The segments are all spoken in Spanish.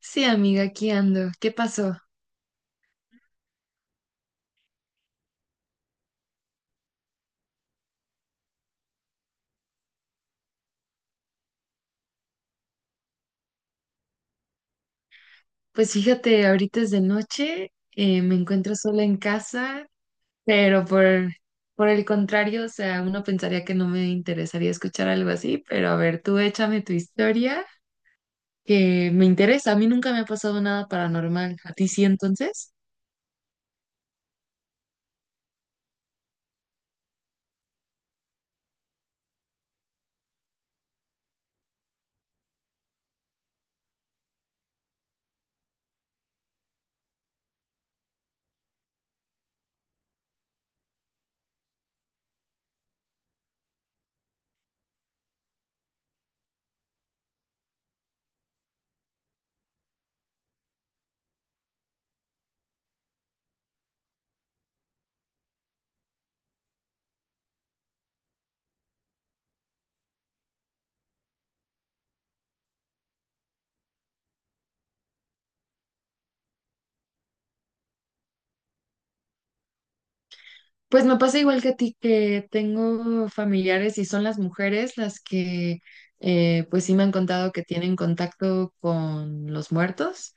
Sí, amiga, aquí ando. ¿Qué pasó? Pues fíjate, ahorita es de noche, me encuentro sola en casa, pero por el contrario, o sea, uno pensaría que no me interesaría escuchar algo así, pero a ver, tú échame tu historia, que me interesa. A mí nunca me ha pasado nada paranormal. ¿A ti sí entonces? Pues me pasa igual que a ti, que tengo familiares y son las mujeres las que pues sí me han contado que tienen contacto con los muertos.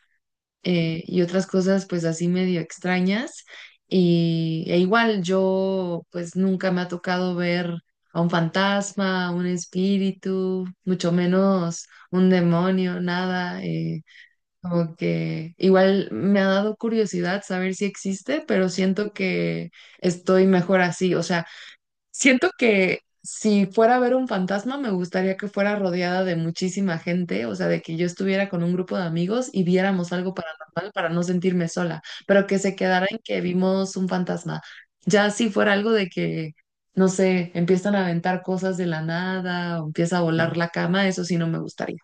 Y otras cosas pues así medio extrañas. E igual yo pues nunca me ha tocado ver a un fantasma, a un espíritu, mucho menos un demonio, nada. Como que igual me ha dado curiosidad saber si existe, pero siento que estoy mejor así. O sea, siento que si fuera a ver un fantasma, me gustaría que fuera rodeada de muchísima gente, o sea, de que yo estuviera con un grupo de amigos y viéramos algo paranormal para no sentirme sola, pero que se quedara en que vimos un fantasma. Ya si fuera algo de que, no sé, empiezan a aventar cosas de la nada o empieza a volar la cama, eso sí no me gustaría.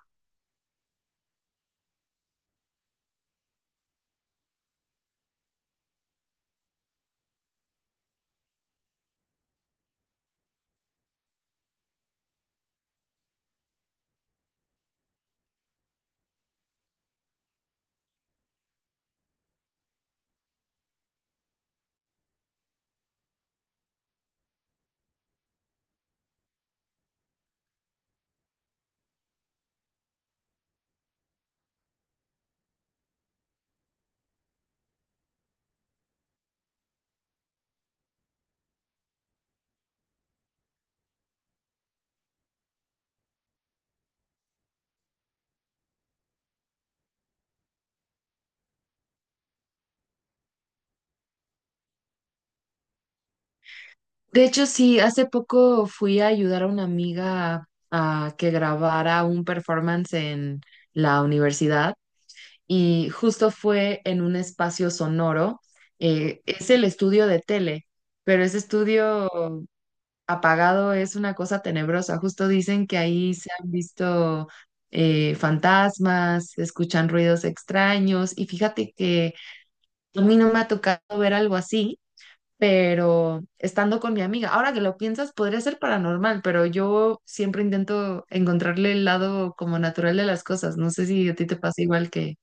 De hecho, sí, hace poco fui a ayudar a una amiga a que grabara un performance en la universidad. Y justo fue en un espacio sonoro. Es el estudio de tele, pero ese estudio apagado es una cosa tenebrosa. Justo dicen que ahí se han visto fantasmas, se escuchan ruidos extraños y fíjate que a mí no me ha tocado ver algo así. Pero estando con mi amiga, ahora que lo piensas, podría ser paranormal, pero yo siempre intento encontrarle el lado como natural de las cosas. No sé si a ti te pasa igual que...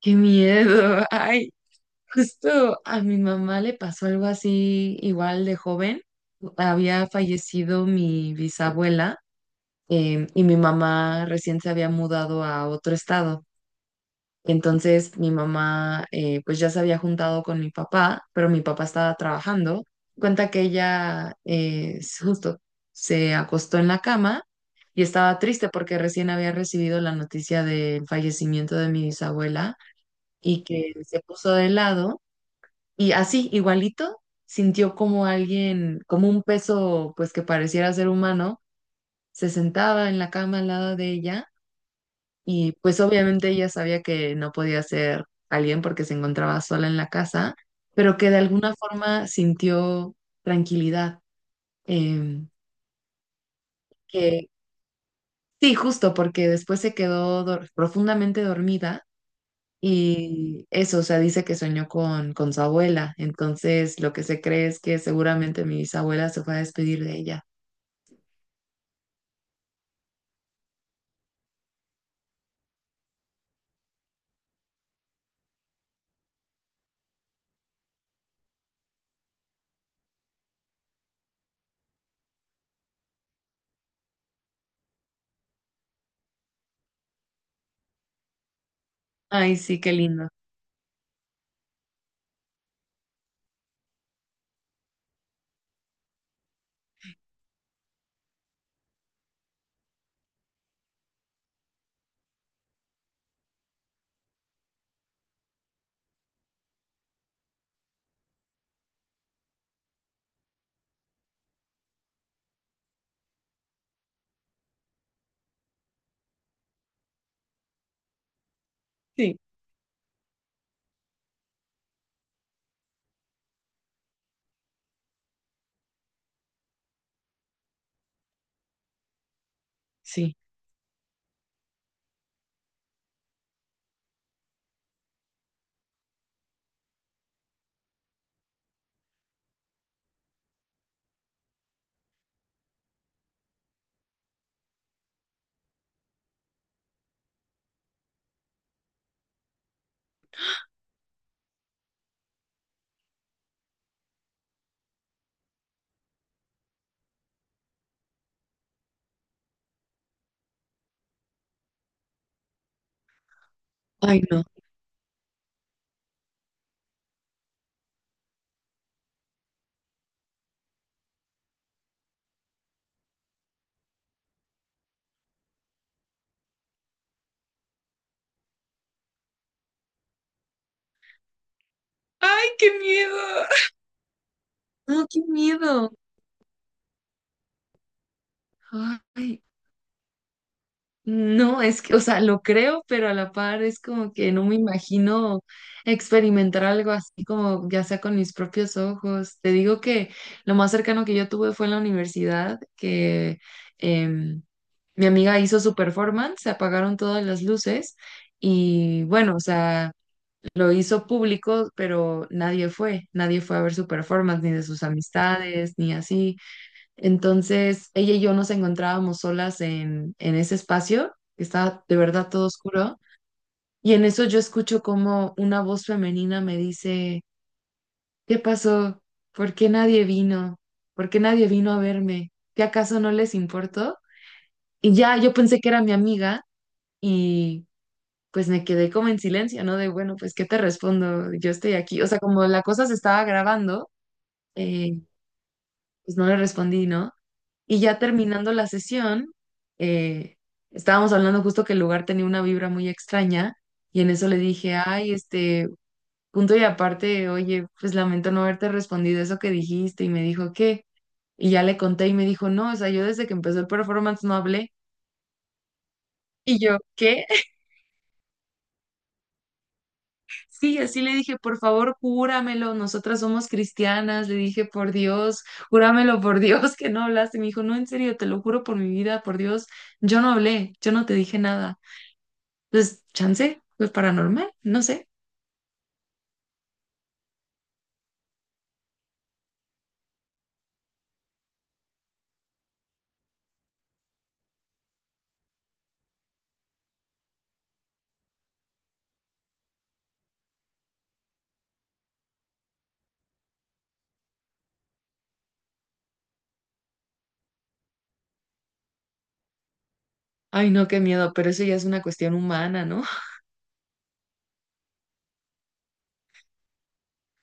Qué miedo. Ay, justo a mi mamá le pasó algo así igual de joven. Había fallecido mi bisabuela, y mi mamá recién se había mudado a otro estado. Entonces mi mamá, pues ya se había juntado con mi papá, pero mi papá estaba trabajando. Cuenta que ella, justo se acostó en la cama y estaba triste porque recién había recibido la noticia del fallecimiento de mi bisabuela, y que se puso de lado y así, igualito, sintió como alguien, como un peso, pues que pareciera ser humano, se sentaba en la cama al lado de ella. Y pues obviamente ella sabía que no podía ser alguien porque se encontraba sola en la casa, pero que de alguna forma sintió tranquilidad, em, que sí, justo porque después se quedó profundamente dormida. Y eso, o sea, dice que soñó con su abuela. Entonces, lo que se cree es que seguramente mi bisabuela se fue a despedir de ella. Ay, sí, qué lindo. Sí. Sí. Ay, no. ¡Ay, qué miedo! No, qué miedo. Ay, no, es que, o sea, lo creo, pero a la par es como que no me imagino experimentar algo así como ya sea con mis propios ojos. Te digo que lo más cercano que yo tuve fue en la universidad, que em, mi amiga hizo su performance, se apagaron todas las luces y bueno, o sea, lo hizo público, pero nadie fue, nadie fue a ver su performance, ni de sus amistades, ni así. Entonces, ella y yo nos encontrábamos solas en ese espacio, que estaba de verdad todo oscuro, y en eso yo escucho como una voz femenina me dice, ¿qué pasó? ¿Por qué nadie vino? ¿Por qué nadie vino a verme? ¿Qué acaso no les importó? Y ya yo pensé que era mi amiga y pues me quedé como en silencio, ¿no? De, bueno, pues, ¿qué te respondo? Yo estoy aquí. O sea, como la cosa se estaba grabando, eh, pues no le respondí, ¿no? Y ya terminando la sesión, eh, estábamos hablando justo que el lugar tenía una vibra muy extraña y en eso le dije, ay, este, punto y aparte, oye, pues lamento no haberte respondido eso que dijiste y me dijo, ¿qué? Y ya le conté y me dijo, no, o sea, yo desde que empezó el performance no hablé. Y yo, ¿qué? Sí, así le dije, por favor, júramelo, nosotras somos cristianas, le dije, por Dios, júramelo por Dios que no hablaste. Me dijo, no, en serio, te lo juro por mi vida, por Dios, yo no hablé, yo no te dije nada. Entonces, chance, fue paranormal, no sé. Ay, no, qué miedo, pero eso ya es una cuestión humana, ¿no?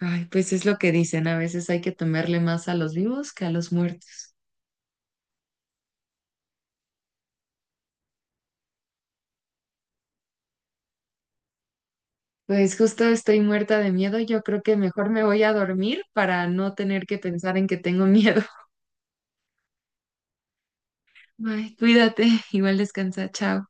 Ay, pues es lo que dicen, a veces hay que temerle más a los vivos que a los muertos. Pues justo estoy muerta de miedo, yo creo que mejor me voy a dormir para no tener que pensar en que tengo miedo. Bye, cuídate, igual descansa, chao.